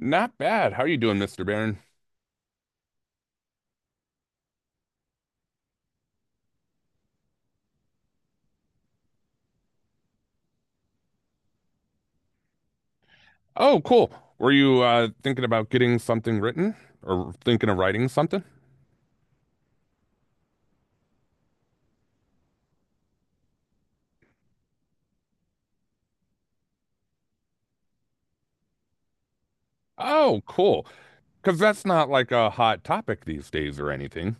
Not bad. How are you doing, Mr. Barron? Oh, cool. Were you thinking about getting something written or thinking of writing something? Oh, cool. Because that's not like a hot topic these days or anything.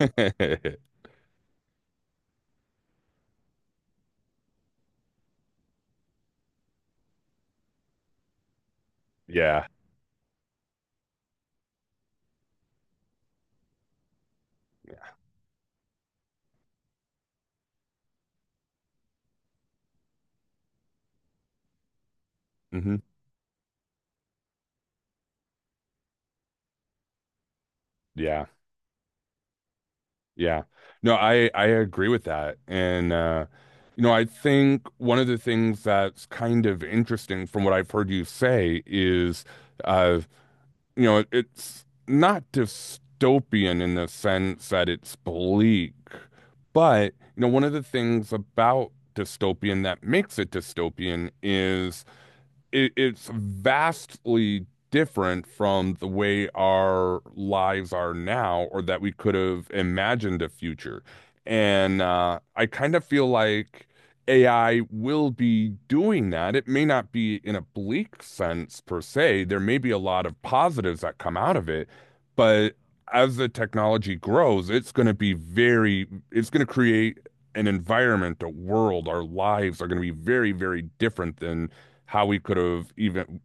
Yeah. Hmm. Yeah. Yeah. No, I agree with that. And You know, I think one of the things that's kind of interesting from what I've heard you say is uh you know, it's not dystopian in the sense that it's bleak, but you know, one of the things about dystopian that makes it dystopian is it's vastly different from the way our lives are now or that we could have imagined a future. And I kind of feel like AI will be doing that. It may not be in a bleak sense per se. There may be a lot of positives that come out of it, but as the technology grows, it's going to be very, it's going to create an environment, a world, our lives are going to be very, very different than how we could have even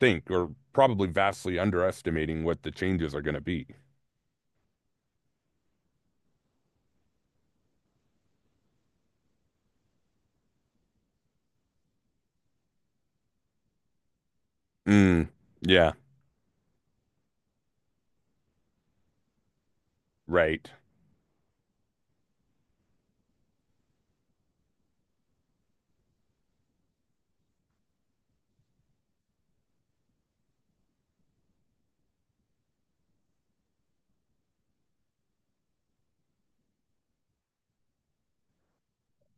think or probably vastly underestimating what the changes are going to be. Mm, yeah, right.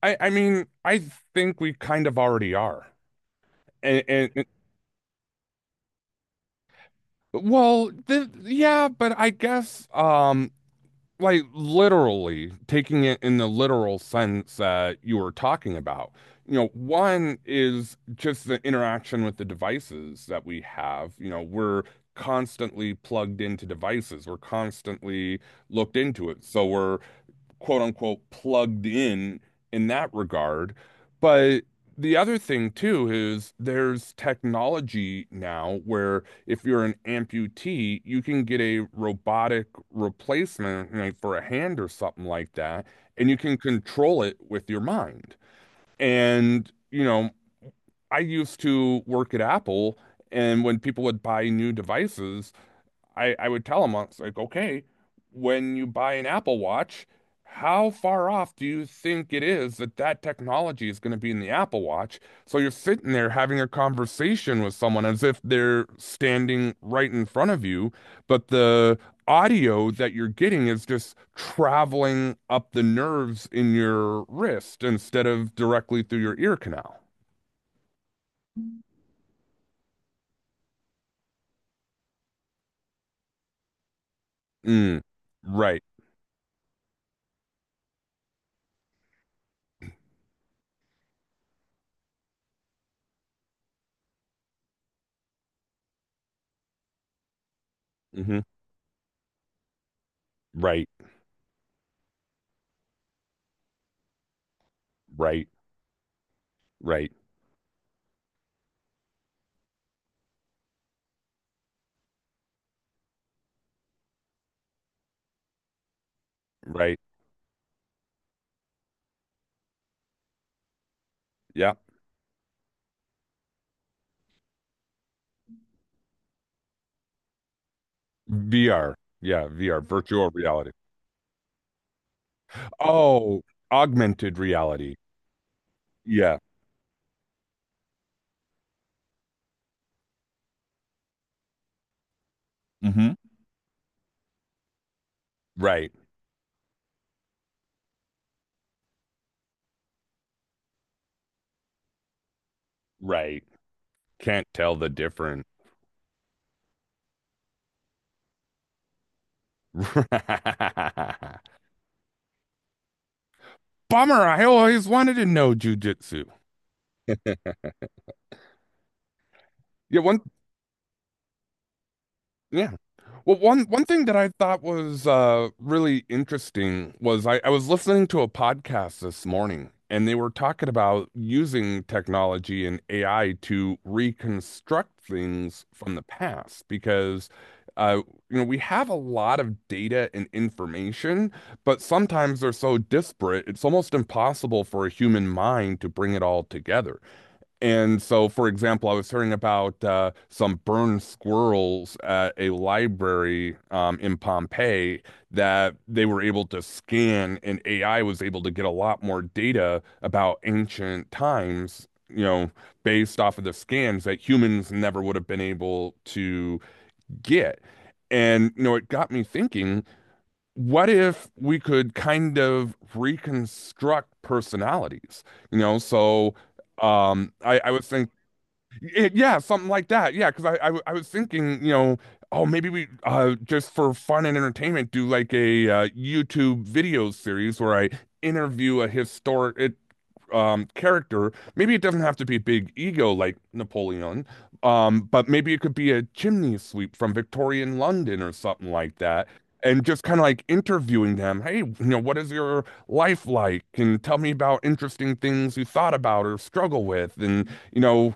I mean, I think we kind of already are. And well, yeah, but I guess like literally taking it in the literal sense that you were talking about. You know, one is just the interaction with the devices that we have. You know, we're constantly plugged into devices. We're constantly looked into it. So we're quote unquote plugged in that regard. But the other thing too is there's technology now where if you're an amputee, you can get a robotic replacement like for a hand or something like that, and you can control it with your mind. And, you know, I used to work at Apple, and when people would buy new devices, I would tell him, I was like, okay, when you buy an Apple Watch, how far off do you think it is that that technology is going to be in the Apple Watch? So you're sitting there having a conversation with someone as if they're standing right in front of you, but the audio that you're getting is just traveling up the nerves in your wrist instead of directly through your ear canal. Mm, right. Hmm. Right. Right. Right. Right. Yeah. VR. Yeah, VR, virtual reality. Oh, augmented reality. Yeah. Hmm. Right, right. Can't tell the difference. Bummer. I always wanted to know jujitsu. Yeah, one. Yeah. Well, one thing that I thought was really interesting was I was listening to a podcast this morning, and they were talking about using technology and AI to reconstruct things from the past because uh, you know we have a lot of data and information, but sometimes they're so disparate, it's almost impossible for a human mind to bring it all together. And so, for example, I was hearing about some burned squirrels at a library in Pompeii that they were able to scan, and AI was able to get a lot more data about ancient times, you know, based off of the scans that humans never would have been able to get. And, you know, it got me thinking, what if we could kind of reconstruct personalities? You know, so. I was thinking it, yeah, something like that. Yeah, because I I was thinking, you know, oh maybe we just for fun and entertainment do like a YouTube video series where I interview a historic character. Maybe it doesn't have to be big ego like Napoleon, but maybe it could be a chimney sweep from Victorian London or something like that. And just kind of like interviewing them. Hey, you know, what is your life like? And tell me about interesting things you thought about or struggle with. And, you know,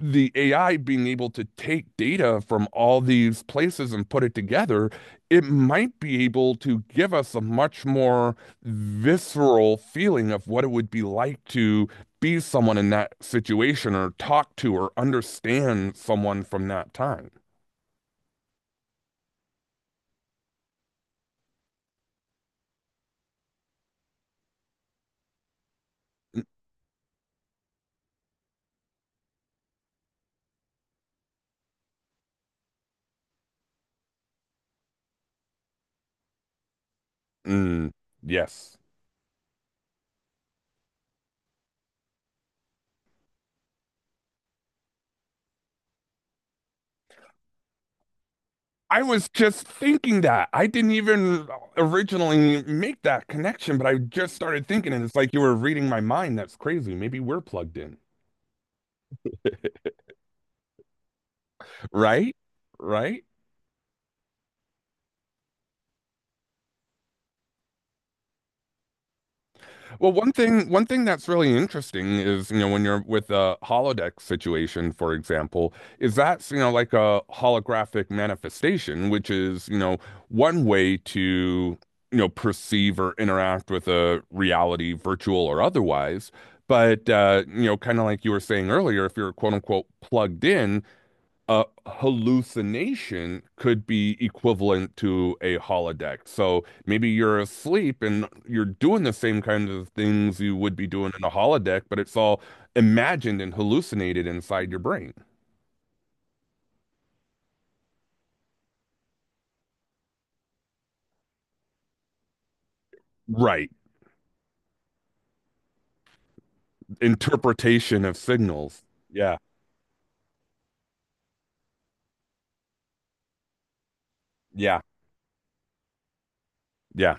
the AI being able to take data from all these places and put it together, it might be able to give us a much more visceral feeling of what it would be like to be someone in that situation or talk to or understand someone from that time. Mm, yes. I was just thinking that. I didn't even originally make that connection, but I just started thinking, and it's like you were reading my mind. That's crazy. Maybe we're plugged in, right? Right? Well, one thing that's really interesting is, you know, when you're with a holodeck situation, for example, is that's, you know, like a holographic manifestation, which is, you know, one way to, you know, perceive or interact with a reality, virtual or otherwise. But You know, kind of like you were saying earlier, if you're quote unquote plugged in, a hallucination could be equivalent to a holodeck. So maybe you're asleep and you're doing the same kind of things you would be doing in a holodeck, but it's all imagined and hallucinated inside your brain. Right. Interpretation of signals. Yeah. Yeah. Yeah.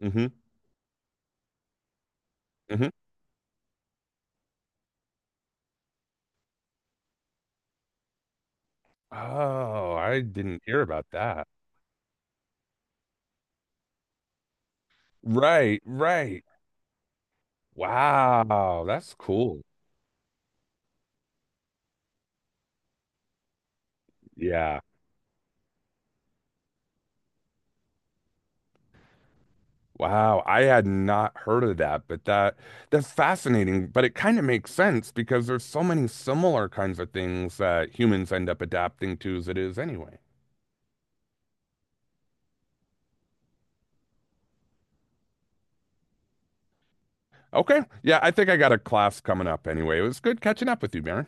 Hmm. Hmm. Oh, I didn't hear about that. Right. Right. Wow. That's cool. Yeah. Wow, I had not heard of that, but that's fascinating. But it kind of makes sense because there's so many similar kinds of things that humans end up adapting to as it is anyway. Okay, yeah, I think I got a class coming up anyway. It was good catching up with you, Mary.